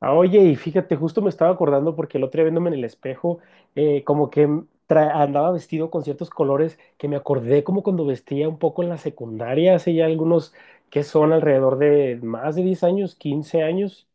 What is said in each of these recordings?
Oye, y fíjate, justo me estaba acordando porque el otro día viéndome en el espejo, como que andaba vestido con ciertos colores que me acordé como cuando vestía un poco en la secundaria, hace ya algunos que son alrededor de más de 10 años, 15 años,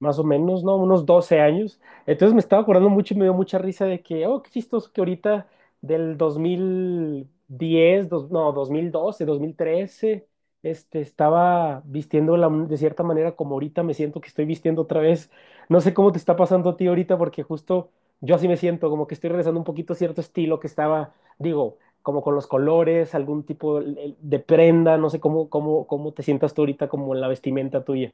más o menos, ¿no? Unos 12 años. Entonces me estaba acordando mucho y me dio mucha risa de que, oh, qué chistoso que ahorita del 2010, no, 2012, 2013, estaba vistiendo la de cierta manera como ahorita me siento que estoy vistiendo otra vez. No sé cómo te está pasando a ti ahorita porque justo yo así me siento, como que estoy regresando un poquito a cierto estilo que estaba, digo, como con los colores, algún tipo de prenda, no sé cómo, cómo, cómo te sientas tú ahorita como en la vestimenta tuya.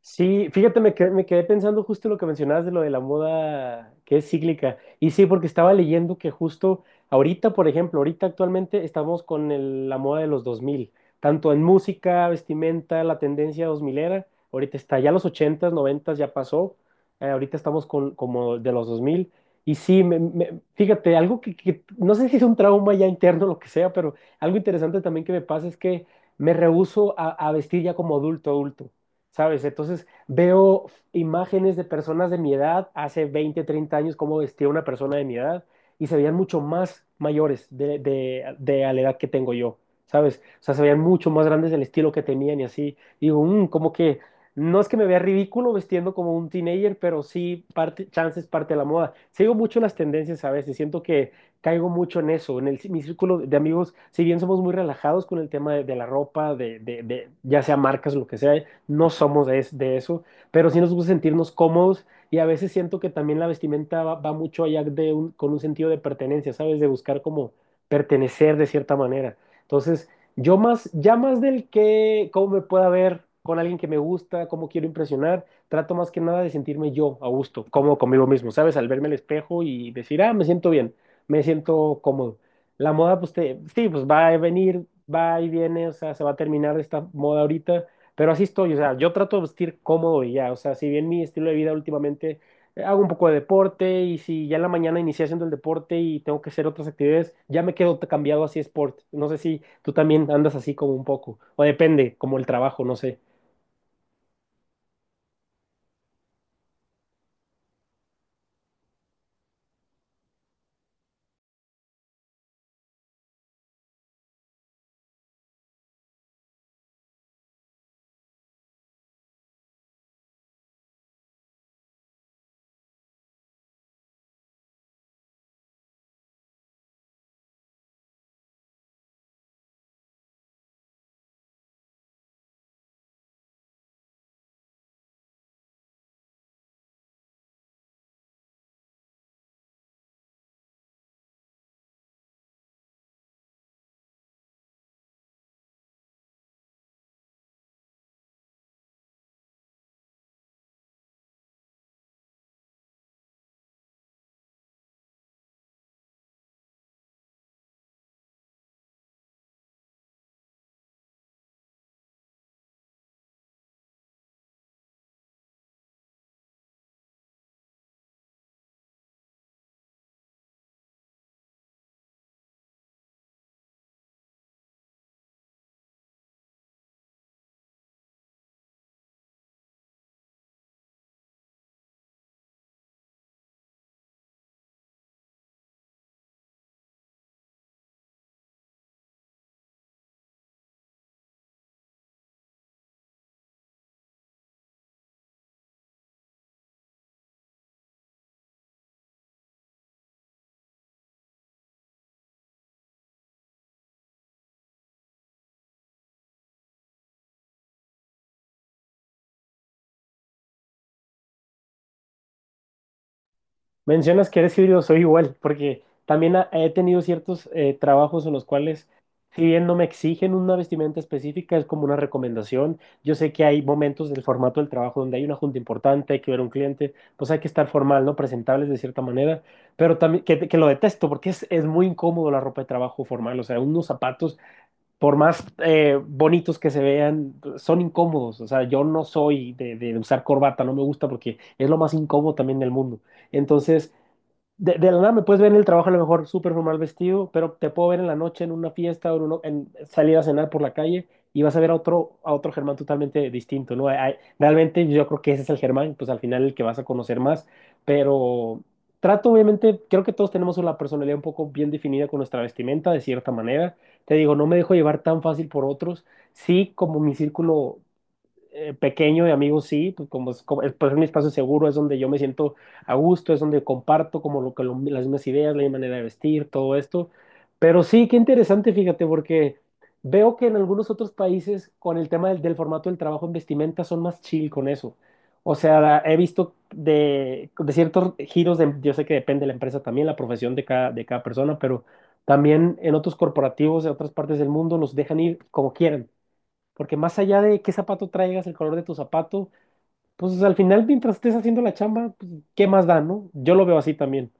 Sí, fíjate, me quedé pensando justo lo que mencionabas de lo de la moda que es cíclica. Y sí, porque estaba leyendo que justo ahorita, por ejemplo, ahorita actualmente estamos con la moda de los 2000 tanto en música, vestimenta, la tendencia dos milera. Ahorita está ya los ochentas, noventas ya pasó. Ahorita estamos con como de los dos mil. Y sí, fíjate, algo que no sé si es un trauma ya interno, lo que sea, pero algo interesante también que me pasa es que me rehúso a vestir ya como adulto, adulto. ¿Sabes? Entonces veo imágenes de personas de mi edad, hace 20, 30 años, cómo vestía una persona de mi edad, y se veían mucho más mayores de a la edad que tengo yo, ¿sabes? O sea, se veían mucho más grandes del estilo que tenían y así. Digo, "Mm, como que no es que me vea ridículo vestiendo como un teenager, pero sí, parte, chance es parte de la moda. Sigo mucho las tendencias a veces, siento que caigo mucho en eso, en el, mi círculo de amigos, si bien somos muy relajados con el tema de la ropa, de, ya sea marcas, lo que sea, no somos de, de eso, pero sí nos gusta sentirnos cómodos y a veces siento que también la vestimenta va, va mucho allá de con un sentido de pertenencia, ¿sabes? De buscar como pertenecer de cierta manera. Entonces, yo más, ya más del que, cómo me pueda ver con alguien que me gusta, cómo quiero impresionar, trato más que nada de sentirme yo a gusto, cómodo conmigo mismo, ¿sabes? Al verme al espejo y decir, ah, me siento bien, me siento cómodo. La moda, pues sí, pues va a venir, va y viene, o sea, se va a terminar esta moda ahorita, pero así estoy, o sea, yo trato de vestir cómodo y ya, o sea, si bien mi estilo de vida últimamente hago un poco de deporte y si ya en la mañana inicié haciendo el deporte y tengo que hacer otras actividades, ya me quedo cambiado así sport. No sé si tú también andas así como un poco, o depende, como el trabajo, no sé. Mencionas que eres híbrido, soy igual, porque también he tenido ciertos trabajos en los cuales, si bien no me exigen una vestimenta específica, es como una recomendación. Yo sé que hay momentos del formato del trabajo donde hay una junta importante, hay que ver a un cliente, pues hay que estar formal, ¿no? Presentables de cierta manera, pero también que lo detesto porque es muy incómodo la ropa de trabajo formal, o sea, unos zapatos, por más bonitos que se vean, son incómodos, o sea, yo no soy de usar corbata, no me gusta porque es lo más incómodo también del mundo. Entonces, de la nada me puedes ver en el trabajo a lo mejor súper formal vestido, pero te puedo ver en la noche en una fiesta o en, en salir a cenar por la calle y vas a ver a otro Germán totalmente distinto, ¿no? Realmente yo creo que ese es el Germán, pues al final el que vas a conocer más, pero trato obviamente, creo que todos tenemos una personalidad un poco bien definida con nuestra vestimenta de cierta manera. Te digo, no me dejo llevar tan fácil por otros. Sí, como mi círculo pequeño de amigos, sí, pues como, pues es mi espacio seguro, es donde yo me siento a gusto, es donde comparto como lo que las mismas ideas, la misma manera de vestir, todo esto. Pero sí, qué interesante, fíjate, porque veo que en algunos otros países con el tema del, del formato del trabajo en vestimenta son más chill con eso. O sea, he visto de ciertos giros, yo sé que depende de la empresa también, la profesión de cada persona, pero también en otros corporativos de otras partes del mundo los dejan ir como quieran. Porque más allá de qué zapato traigas, el color de tu zapato, pues al final mientras estés haciendo la chamba, pues, ¿qué más da, no? Yo lo veo así también.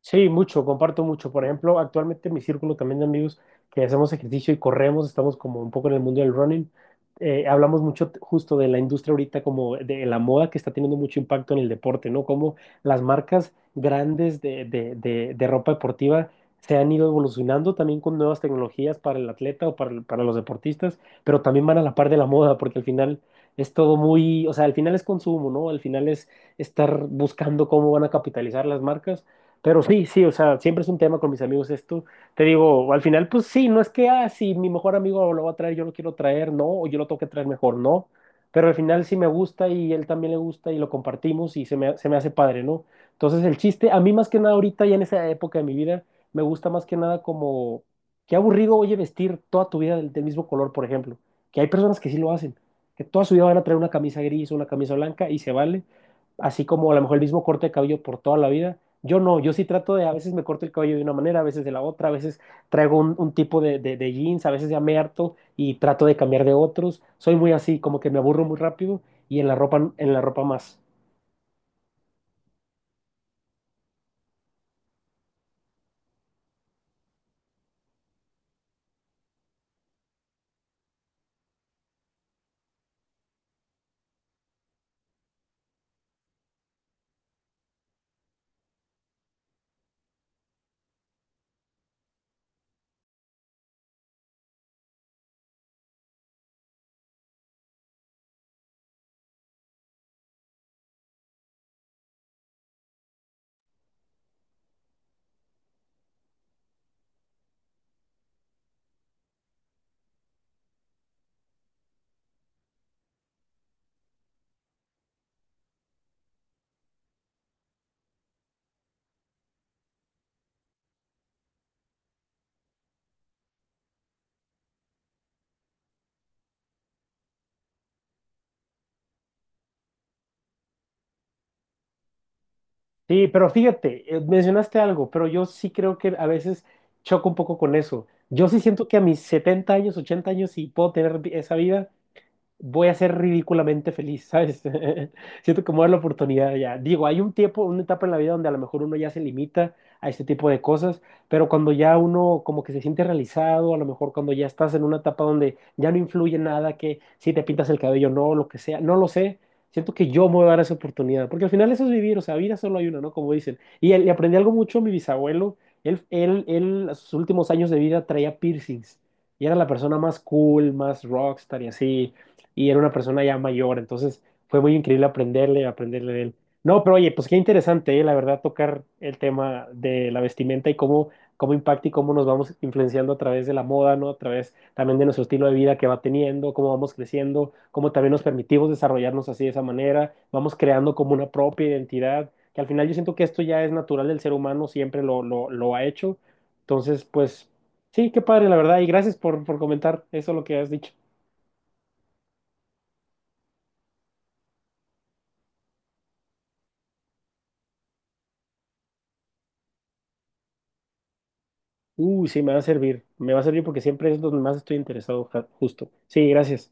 Sí, mucho, comparto mucho. Por ejemplo, actualmente en mi círculo también de amigos que hacemos ejercicio y corremos, estamos como un poco en el mundo del running. Hablamos mucho justo de la industria ahorita, como de la moda que está teniendo mucho impacto en el deporte, ¿no? Como las marcas grandes de, de ropa deportiva se han ido evolucionando también con nuevas tecnologías para el atleta o para, para los deportistas, pero también van a la par de la moda, porque al final es todo muy, o sea, al final es consumo, ¿no? Al final es estar buscando cómo van a capitalizar las marcas. Pero sí, sí, o sea, siempre es un tema con mis amigos esto. Te digo, al final, pues sí, no es que, ah, si mi mejor amigo lo va a traer, yo lo quiero traer, no, o yo lo tengo que traer mejor, no. Pero al final sí me gusta y él también le gusta y lo compartimos y se me hace padre, ¿no? Entonces el chiste, a mí más que nada ahorita y en esa época de mi vida, me gusta más que nada como, qué aburrido, oye, vestir toda tu vida del, del mismo color, por ejemplo. Que hay personas que sí lo hacen, que toda su vida van a traer una camisa gris o una camisa blanca y se vale así como a lo mejor el mismo corte de cabello por toda la vida, yo no, yo sí trato de, a veces me corto el cabello de una manera, a veces de la otra, a veces traigo un tipo de, de jeans, a veces ya me harto y trato de cambiar de otros. Soy muy así, como que me aburro muy rápido y en la ropa más. Sí, pero fíjate, mencionaste algo, pero yo sí creo que a veces choco un poco con eso. Yo sí siento que a mis 70 años, 80 años, sí puedo tener esa vida, voy a ser ridículamente feliz, ¿sabes? Siento que me voy a dar la oportunidad ya. Digo, hay un tiempo, una etapa en la vida donde a lo mejor uno ya se limita a este tipo de cosas, pero cuando ya uno como que se siente realizado, a lo mejor cuando ya estás en una etapa donde ya no influye nada, que si te pintas el cabello, no, lo que sea, no lo sé. Siento que yo me voy a dar esa oportunidad, porque al final eso es vivir, o sea, vida solo hay una, ¿no? Como dicen. Y aprendí algo mucho, mi bisabuelo, a sus últimos años de vida traía piercings y era la persona más cool, más rockstar y así y era una persona ya mayor, entonces fue muy increíble aprenderle, aprenderle de él. No, pero oye, pues qué interesante, ¿eh? La verdad, tocar el tema de la vestimenta y cómo, cómo impacta y cómo nos vamos influenciando a través de la moda, ¿no? A través también de nuestro estilo de vida que va teniendo, cómo vamos creciendo, cómo también nos permitimos desarrollarnos así de esa manera, vamos creando como una propia identidad, que al final yo siento que esto ya es natural del ser humano, siempre lo, lo ha hecho. Entonces, pues sí, qué padre, la verdad, y gracias por comentar eso lo que has dicho. Uy, sí, me va a servir. Me va a servir porque siempre es donde más estoy interesado, justo. Sí, gracias.